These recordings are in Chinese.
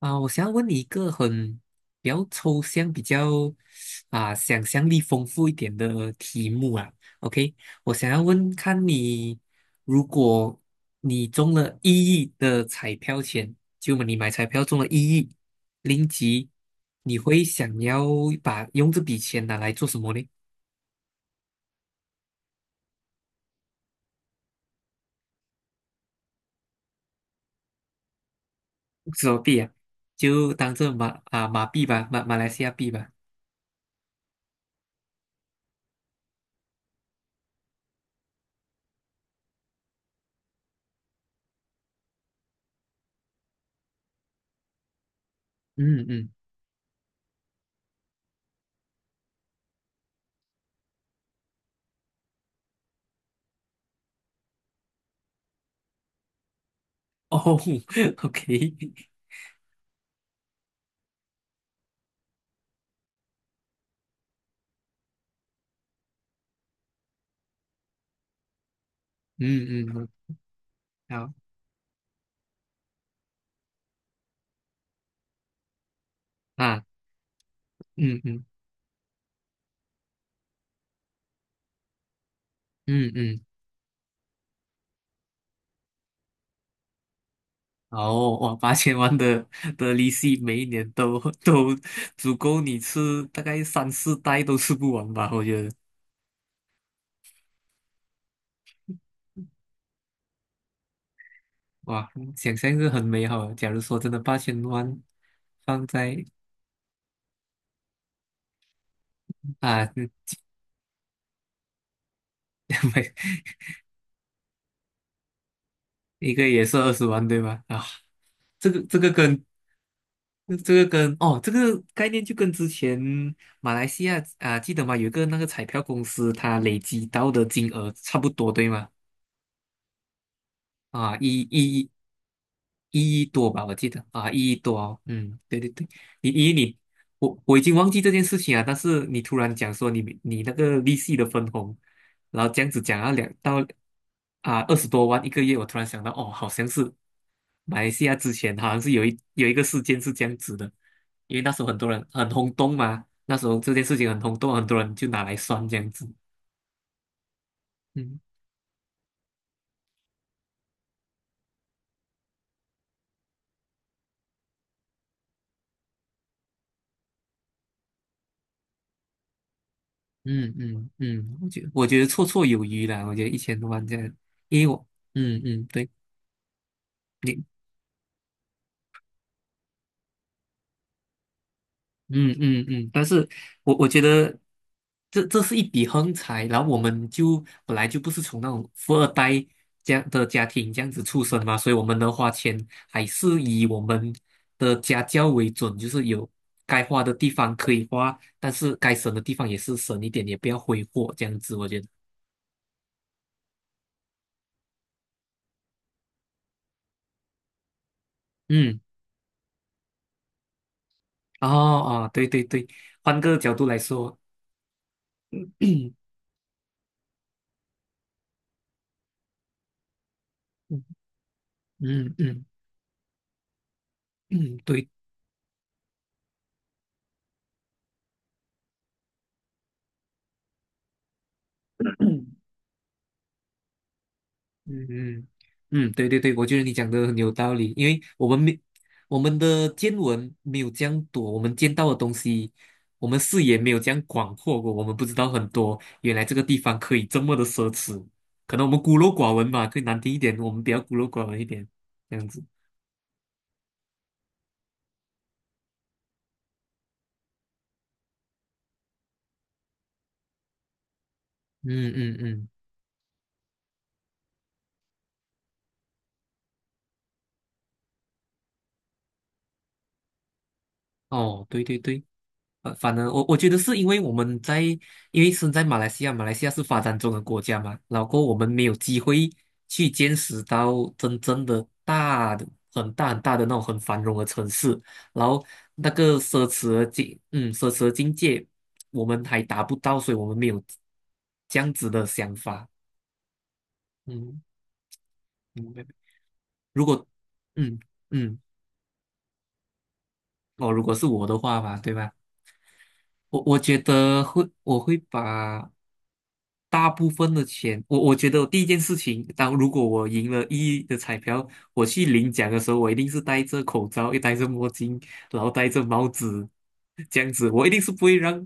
啊，我想要问你一个比较抽象、比较想象力丰富一点的题目啊。OK，我想要问看你，如果你中了一亿的彩票钱，就你买彩票中了1亿零吉，你会想要用这笔钱拿来做什么呢？手币啊，就当这马币吧，马来西亚币吧。嗯嗯，哦 ，OK，嗯嗯，嗯好啊，嗯嗯。嗯嗯，哦，哇，八千万的利息，每一年都足够你吃大概三四代都吃不完吧？我觉得，哇，想象是很美好的。假如说真的八千万放在啊，嗯 每一个也是20万对吧？啊，这个这个跟这个跟哦，这个概念就跟之前马来西亚啊，记得吗？有一个那个彩票公司，它累积到的金额差不多对吗？啊，一亿多吧，我记得啊，一亿多哦，嗯，对对对，你一你我已经忘记这件事情啊，但是你突然讲说你那个利息的分红，然后这样子讲两到20多万一个月，我突然想到哦，好像是马来西亚之前好像是有一个事件是这样子的，因为那时候很多人很轰动嘛，那时候这件事情很轰动，很多人就拿来算这样子，嗯嗯嗯嗯，我觉得绰绰有余啦，我觉得1000多万这样，因为我。嗯嗯，对。你嗯嗯嗯，但是我觉得这是一笔横财，然后我们就本来就不是从那种富二代这样的家庭这样子出生嘛，所以我们能花钱还是以我们的家教为准，就是有该花的地方可以花，但是该省的地方也是省一点，也不要挥霍这样子，我觉得，嗯，哦哦，对对对，换个角度来说，嗯嗯嗯嗯，对。嗯嗯嗯，嗯对对对，我觉得你讲的很有道理，因为我们的见闻没有这样多，我们见到的东西，我们视野没有这样广阔过，我们不知道很多，原来这个地方可以这么的奢侈，可能我们孤陋寡闻吧，可以难听一点，我们比较孤陋寡闻一点，这样子。嗯嗯嗯，哦，对对对。反正我觉得是因为我们在，因为身在马来西亚，马来西亚是发展中的国家嘛，然后我们没有机会去见识到真正的大的、很大很大的那种很繁荣的城市，然后那个奢侈的境，嗯，奢侈的境界，我们还达不到，所以我们没有这样子的想法，嗯，明白。如果，嗯嗯，哦，如果是我的话吧，对吧？我觉得会，我会把。大部分的钱，我觉得我第一件事情，当如果我赢了一亿的彩票，我去领奖的时候，我一定是戴着口罩，又戴着墨镜，然后戴着帽子，这样子，我一定是不会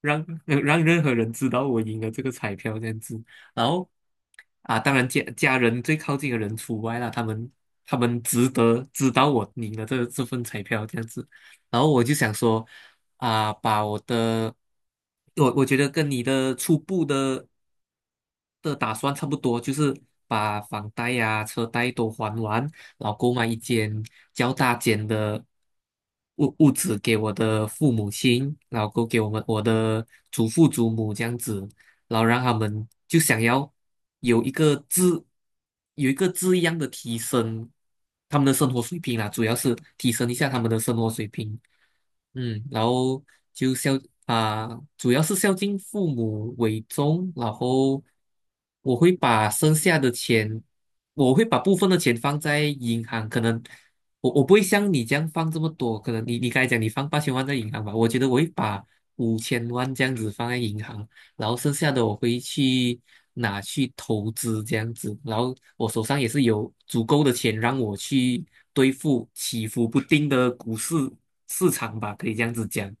让让任何人知道我赢了这个彩票这样子。然后啊，当然家人最靠近的人除外啦，他们他们值得知道我赢了这份彩票这样子。然后我就想说。啊，把我的，我觉得跟你的初步的打算差不多，就是把房贷呀、车贷都还完，然后购买一间较大间的屋子给我的父母亲，然后够给我的祖父祖母这样子，然后让他们就想要有一个质有一个质一样的提升，他们的生活水平啦，主要是提升一下他们的生活水平。嗯，然后就孝啊，主要是孝敬父母为重，然后我会把剩下的钱，我会把部分的钱放在银行，可能我不会像你这样放这么多，可能你刚才讲你放八千万在银行吧，我觉得我会把5000万这样子放在银行，然后剩下的我会去拿去投资这样子，然后我手上也是有足够的钱让我去对付起伏不定的股市市场吧，可以这样子讲。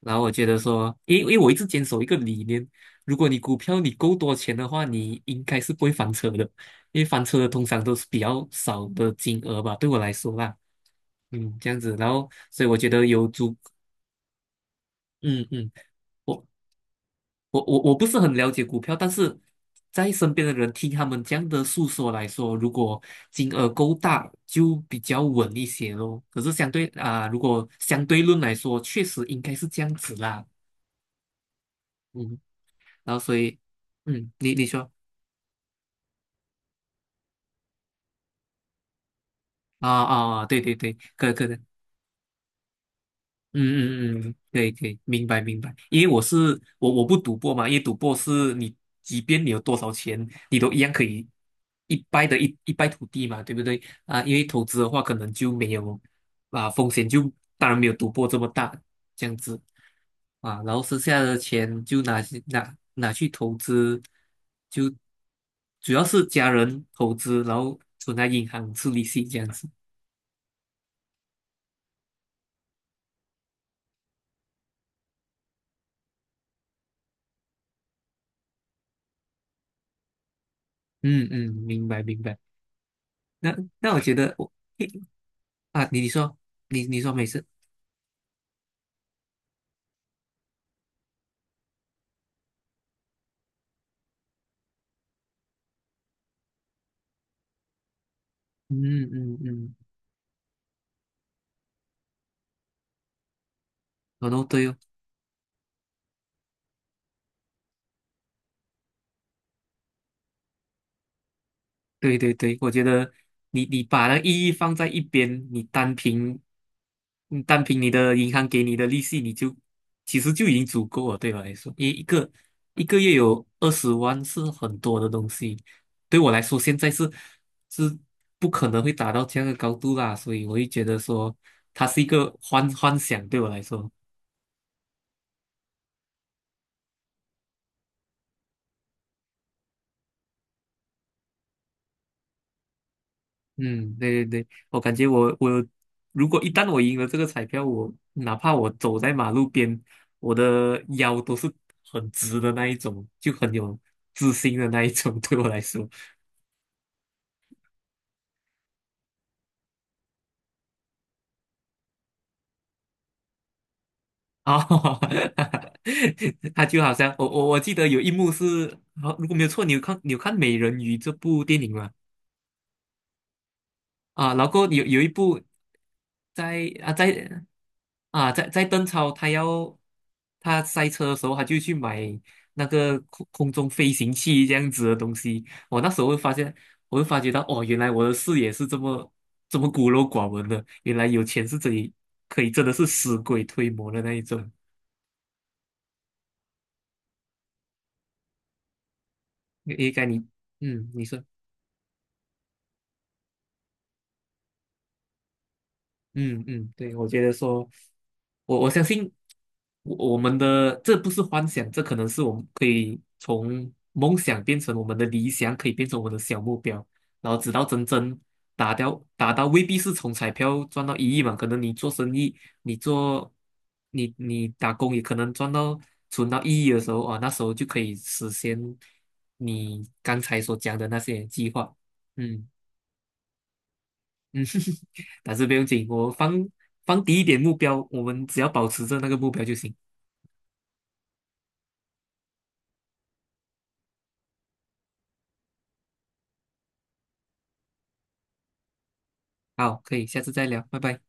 然后我觉得说，因为我一直坚守一个理念，如果你股票你够多钱的话，你应该是不会翻车的，因为翻车的通常都是比较少的金额吧，对我来说啦，嗯，这样子，然后所以我觉得有足，嗯嗯。我。我不是很了解股票，但是在身边的人听他们这样的诉说来说，如果金额够大，就比较稳一些咯。可是相对啊、如果相对论来说，确实应该是这样子啦。嗯，然后所以，嗯，你说啊对对对，可能。嗯嗯嗯，可以可以，明白明白。因为我是我我不赌博嘛，因为赌博是你即便你有多少钱，你都一样可以一败涂地嘛，对不对？啊，因为投资的话，可能就没有啊风险就当然没有赌博这么大这样子啊，然后剩下的钱就拿去投资，就主要是家人投资，然后存在银行吃利息这样子。嗯嗯，明白明白。那我觉得我。啊，你说，你说没事，嗯嗯嗯，哦，都对哦，对对对，我觉得你把那个意义放在一边，你单凭你的银行给你的利息，你就其实就已经足够了，对我来说，一个月有二十万是很多的东西，对我来说现在是不可能会达到这样的高度啦，所以我会觉得说它是一个幻想，对我来说。嗯，对对对，我感觉如果一旦我赢了这个彩票，我哪怕我走在马路边，我的腰都是很直的那一种，就很有自信的那一种 对我来说。哦，他就好像我记得有一幕是，好，如果没有错，你有看《美人鱼》这部电影吗？啊，然后有一部在啊在啊在在邓超他要他塞车的时候，他就去买那个空中飞行器这样子的东西。我那时候会发现，我会发觉到哦，原来我的视野是这么孤陋寡闻的，原来有钱是这里可以真的是死鬼推磨的那一种。应该你嗯，你说嗯嗯，对，我觉得说。我相信我们的这不是幻想，这可能是我们可以从梦想变成我们的理想，可以变成我们的小目标，然后直到真正达到，未必是从彩票赚到一亿嘛，可能你做生意，你做你你打工也可能赚到存到一亿的时候啊，那时候就可以实现你刚才所讲的那些计划，嗯嗯，但是不用紧，我放低一点目标，我们只要保持着那个目标就行。好，可以，下次再聊，拜拜。